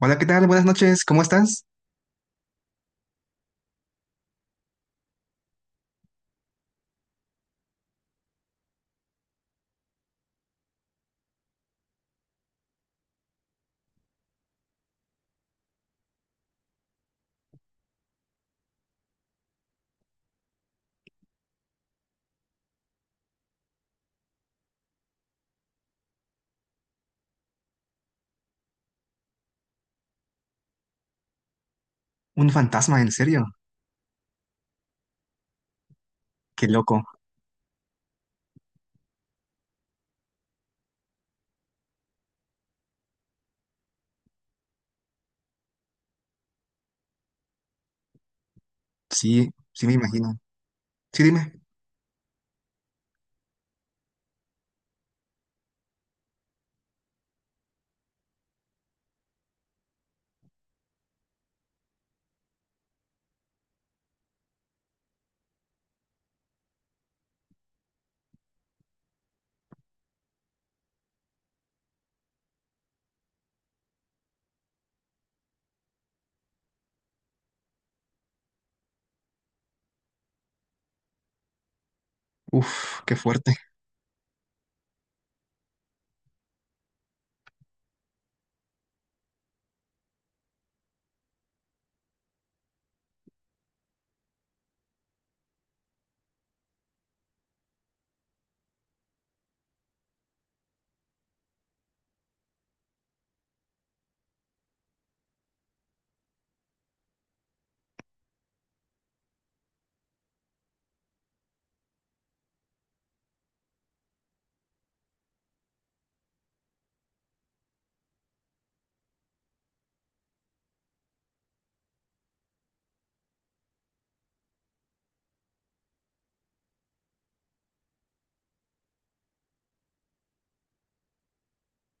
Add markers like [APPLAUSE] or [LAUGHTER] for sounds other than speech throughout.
Hola, ¿qué tal? Buenas noches, ¿cómo estás? Un fantasma, en serio. Qué loco. Sí, sí me imagino. Sí, dime. Uf, qué fuerte.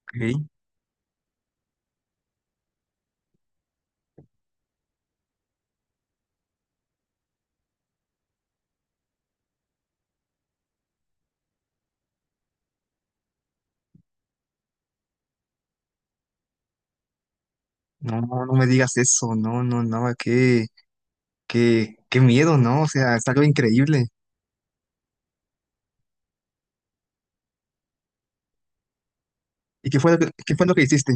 Ok. No, no, no me digas eso. No, no, no. Qué miedo, ¿no? O sea, es algo increíble. ¿Y qué fue lo que hiciste?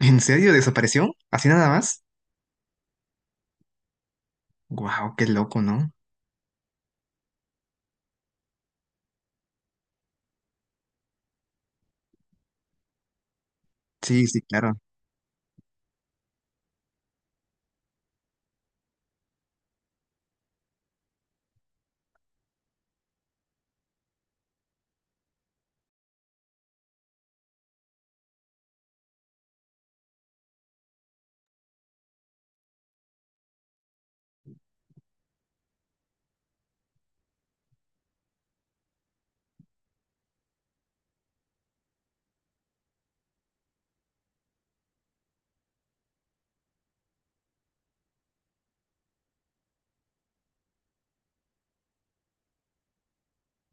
¿En serio? ¿Desapareció? ¿Así nada más? Wow, qué loco, ¿no? Sí, sí, claro.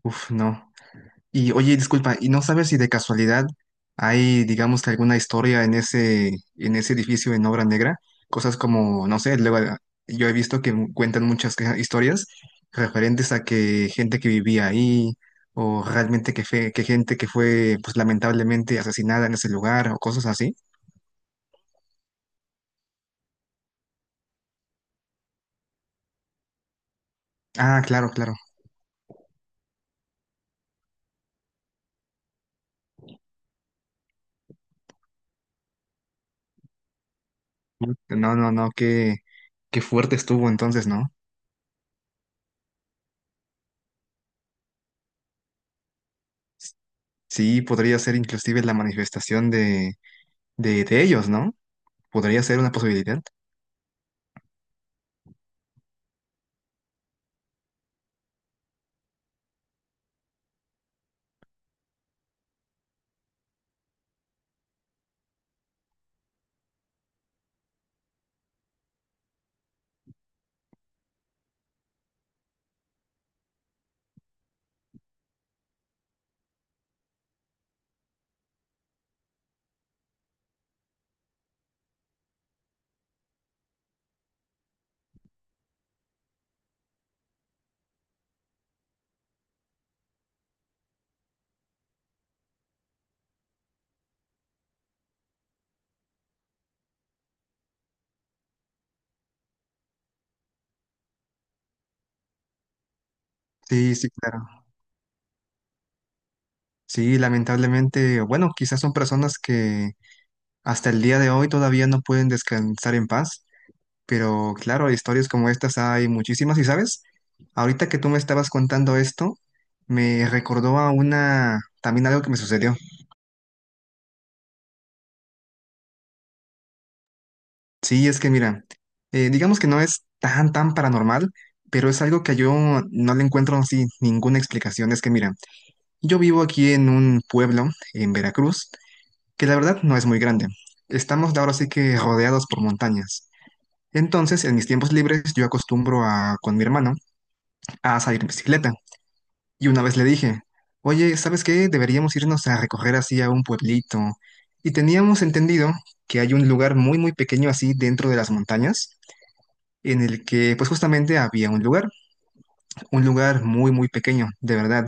Uf, no. Y oye, disculpa, ¿y no sabes si de casualidad hay, digamos que alguna historia en en ese edificio en obra negra? Cosas como, no sé, luego yo he visto que cuentan muchas historias referentes a que gente que vivía ahí o realmente que gente que fue pues lamentablemente asesinada en ese lugar o cosas así. Ah, claro, claro. No, no, no, qué fuerte estuvo entonces, ¿no? Sí, podría ser inclusive la manifestación de ellos, ¿no? Podría ser una posibilidad. Sí, sí, claro. Sí, lamentablemente, bueno, quizás son personas que hasta el día de hoy todavía no pueden descansar en paz, pero claro, historias como estas hay muchísimas. Y sabes, ahorita que tú me estabas contando esto, me recordó también algo que me sucedió. Sí, es que mira, digamos que no es tan, tan paranormal, pero es algo que yo no le encuentro así ninguna explicación. Es que mira, yo vivo aquí en un pueblo, en Veracruz, que la verdad no es muy grande. Estamos ahora sí que rodeados por montañas. Entonces, en mis tiempos libres, yo acostumbro con mi hermano a salir en bicicleta. Y una vez le dije, oye, ¿sabes qué? Deberíamos irnos a recorrer así a un pueblito. Y teníamos entendido que hay un lugar muy, muy pequeño así dentro de las montañas, en el que pues justamente había un lugar muy, muy pequeño, de verdad.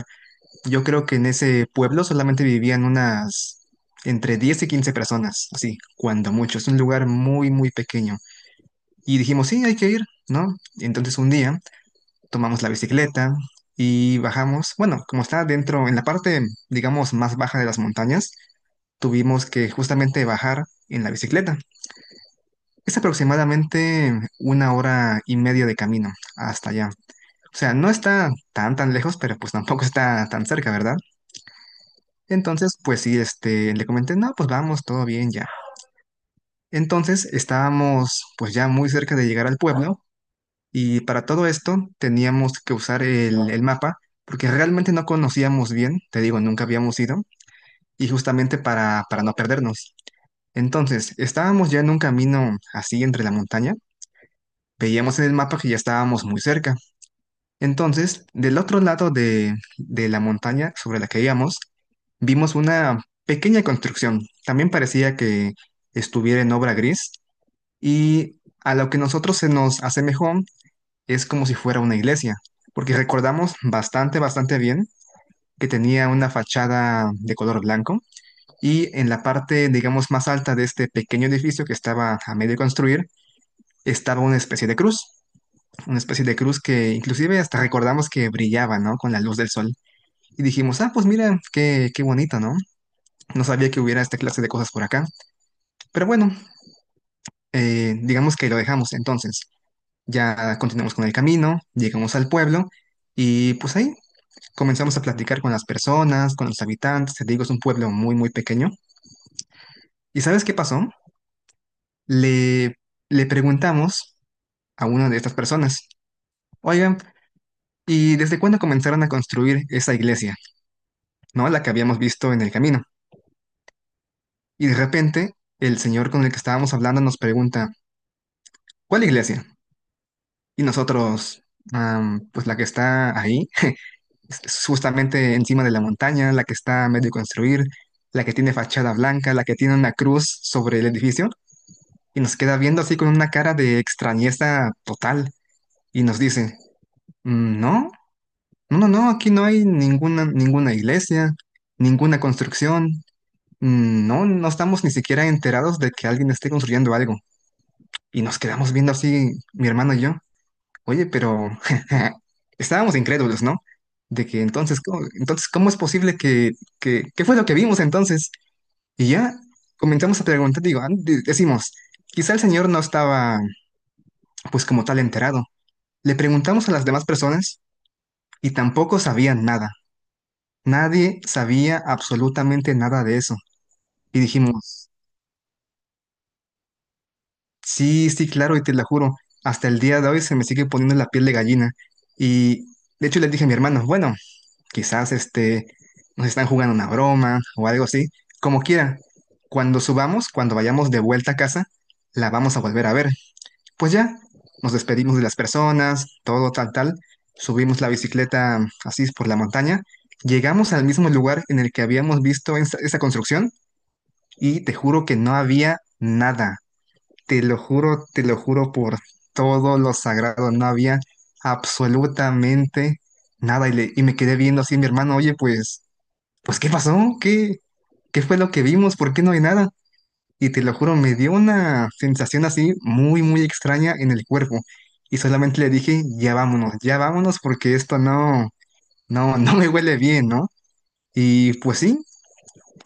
Yo creo que en ese pueblo solamente vivían unas entre 10 y 15 personas, así, cuando mucho. Es un lugar muy, muy pequeño. Y dijimos, sí, hay que ir, ¿no? Entonces un día tomamos la bicicleta y bajamos. Bueno, como está dentro, en la parte, digamos, más baja de las montañas, tuvimos que justamente bajar en la bicicleta. Es aproximadamente una hora y media de camino hasta allá. O sea, no está tan, tan lejos, pero pues tampoco está tan cerca, ¿verdad? Entonces, pues sí, este, le comenté, no, pues vamos, todo bien ya. Entonces, estábamos pues ya muy cerca de llegar al pueblo y para todo esto teníamos que usar el mapa porque realmente no conocíamos bien, te digo, nunca habíamos ido y justamente para no perdernos. Entonces, estábamos ya en un camino así entre la montaña, veíamos en el mapa que ya estábamos muy cerca. Entonces, del otro lado de la montaña sobre la que íbamos, vimos una pequeña construcción. También parecía que estuviera en obra gris y a lo que nosotros se nos asemejó es como si fuera una iglesia, porque recordamos bastante, bastante bien que tenía una fachada de color blanco y en la parte, digamos, más alta de este pequeño edificio que estaba a medio construir, estaba una especie de cruz, que inclusive hasta recordamos que brillaba, ¿no? Con la luz del sol. Y dijimos, ah, pues mira, qué bonito, ¿no? No sabía que hubiera esta clase de cosas por acá. Pero bueno, digamos que lo dejamos entonces. Ya continuamos con el camino, llegamos al pueblo y pues ahí comenzamos a platicar con las personas, con los habitantes. Te digo, es un pueblo muy, muy pequeño. ¿Y sabes qué pasó? Le, le preguntamos a una de estas personas, oigan, ¿y desde cuándo comenzaron a construir esa iglesia? ¿No? La que habíamos visto en el camino. Y de repente el señor con el que estábamos hablando nos pregunta, ¿Cuál iglesia? Y nosotros, pues la que está ahí, [LAUGHS] es justamente encima de la montaña, la que está a medio construir, la que tiene fachada blanca, la que tiene una cruz sobre el edificio, y nos queda viendo así con una cara de extrañeza total, y nos dice, "Mm, no, no, no, no, aquí no hay ninguna, iglesia, ninguna construcción. Mm, no, no estamos ni siquiera enterados de que alguien esté construyendo algo." Y nos quedamos viendo así, mi hermano y yo. Oye, pero [LAUGHS] estábamos incrédulos, ¿no? De que entonces, ¿cómo es posible que, qué fue lo que vimos entonces? Y ya comenzamos a preguntar, digo, ah, decimos, quizá el señor no estaba, pues como tal, enterado. Le preguntamos a las demás personas y tampoco sabían nada. Nadie sabía absolutamente nada de eso. Y dijimos, sí, sí, claro, y te la juro, hasta el día de hoy se me sigue poniendo la piel de gallina. Y de hecho le dije a mi hermano, bueno, quizás este, nos están jugando una broma o algo así, como quiera. Cuando subamos, cuando vayamos de vuelta a casa, la vamos a volver a ver. Pues ya, nos despedimos de las personas, todo tal, tal, subimos la bicicleta así por la montaña, llegamos al mismo lugar en el que habíamos visto esa construcción y te juro que no había nada. Te lo juro por todo lo sagrado, no había absolutamente nada. Y, y me quedé viendo así a mi hermano, oye, pues ¿qué pasó? ¿Qué fue lo que vimos? ¿Por qué no hay nada? Y te lo juro, me dio una sensación así muy, muy extraña en el cuerpo. Y solamente le dije, ya vámonos porque esto no, no, [LAUGHS] no me huele bien, ¿no? Y pues sí,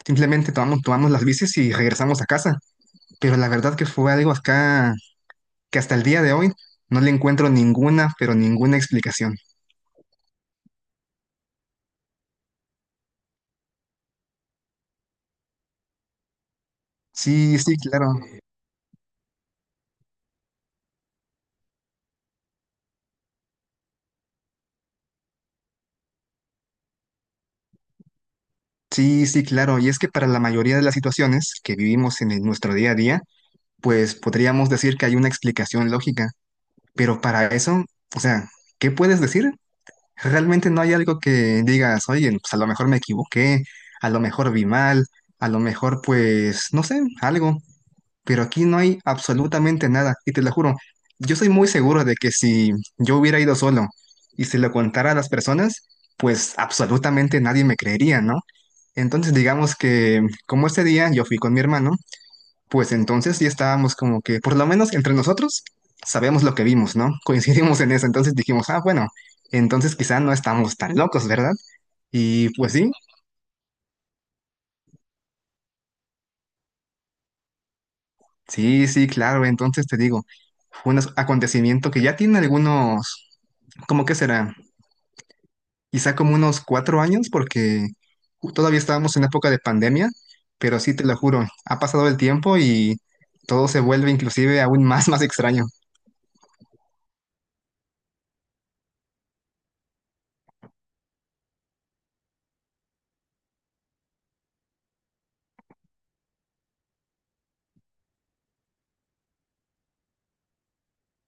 simplemente tomamos las bicis y regresamos a casa. Pero la verdad que fue algo acá que hasta el día de hoy no le encuentro ninguna, pero ninguna explicación. Sí, sí, claro. Sí, sí, claro. Y es que para la mayoría de las situaciones que vivimos en nuestro día a día, pues podríamos decir que hay una explicación lógica, pero para eso, o sea, ¿qué puedes decir? Realmente no hay algo que digas, oye, pues a lo mejor me equivoqué, a lo mejor vi mal, a lo mejor pues, no sé, algo, pero aquí no hay absolutamente nada, y te lo juro, yo soy muy seguro de que si yo hubiera ido solo y se lo contara a las personas, pues absolutamente nadie me creería, ¿no? Entonces digamos que como este día yo fui con mi hermano, pues entonces sí estábamos como que, por lo menos entre nosotros, sabemos lo que vimos, ¿no? [LAUGHS] Coincidimos en eso, entonces dijimos, ah, bueno, entonces quizá no estamos tan locos, ¿verdad? Y pues sí, sí, sí, claro, entonces te digo, fue un acontecimiento que ya tiene algunos, ¿cómo que será? Quizá como unos 4 años, porque todavía estábamos en época de pandemia, pero sí te lo juro, ha pasado el tiempo y todo se vuelve inclusive aún más, [LAUGHS] más extraño.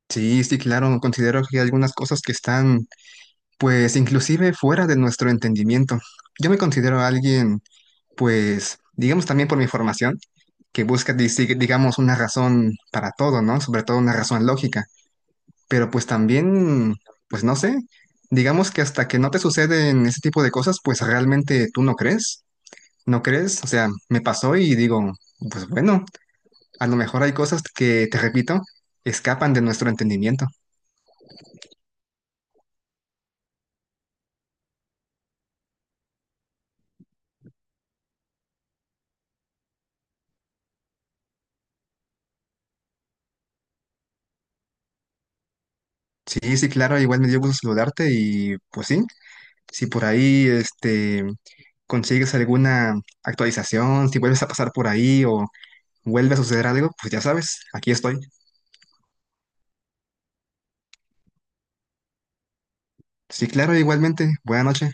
Sí, sí, claro, considero que hay algunas cosas que están pues inclusive fuera de nuestro entendimiento. Yo me considero alguien, pues, digamos también por mi formación, que busca, digamos, una razón para todo, ¿no? Sobre todo una razón lógica. Pero pues también, pues no sé, digamos que hasta que no te suceden ese tipo de cosas, pues realmente tú no crees, no crees. O sea, me pasó y digo, pues bueno, a lo mejor hay cosas que, te repito, escapan de nuestro entendimiento. Sí, sí, claro, igual me dio gusto saludarte y pues sí, si por ahí este, consigues alguna actualización, si vuelves a pasar por ahí o vuelve a suceder algo, pues ya sabes, aquí estoy. Sí, claro, igualmente, buena noche.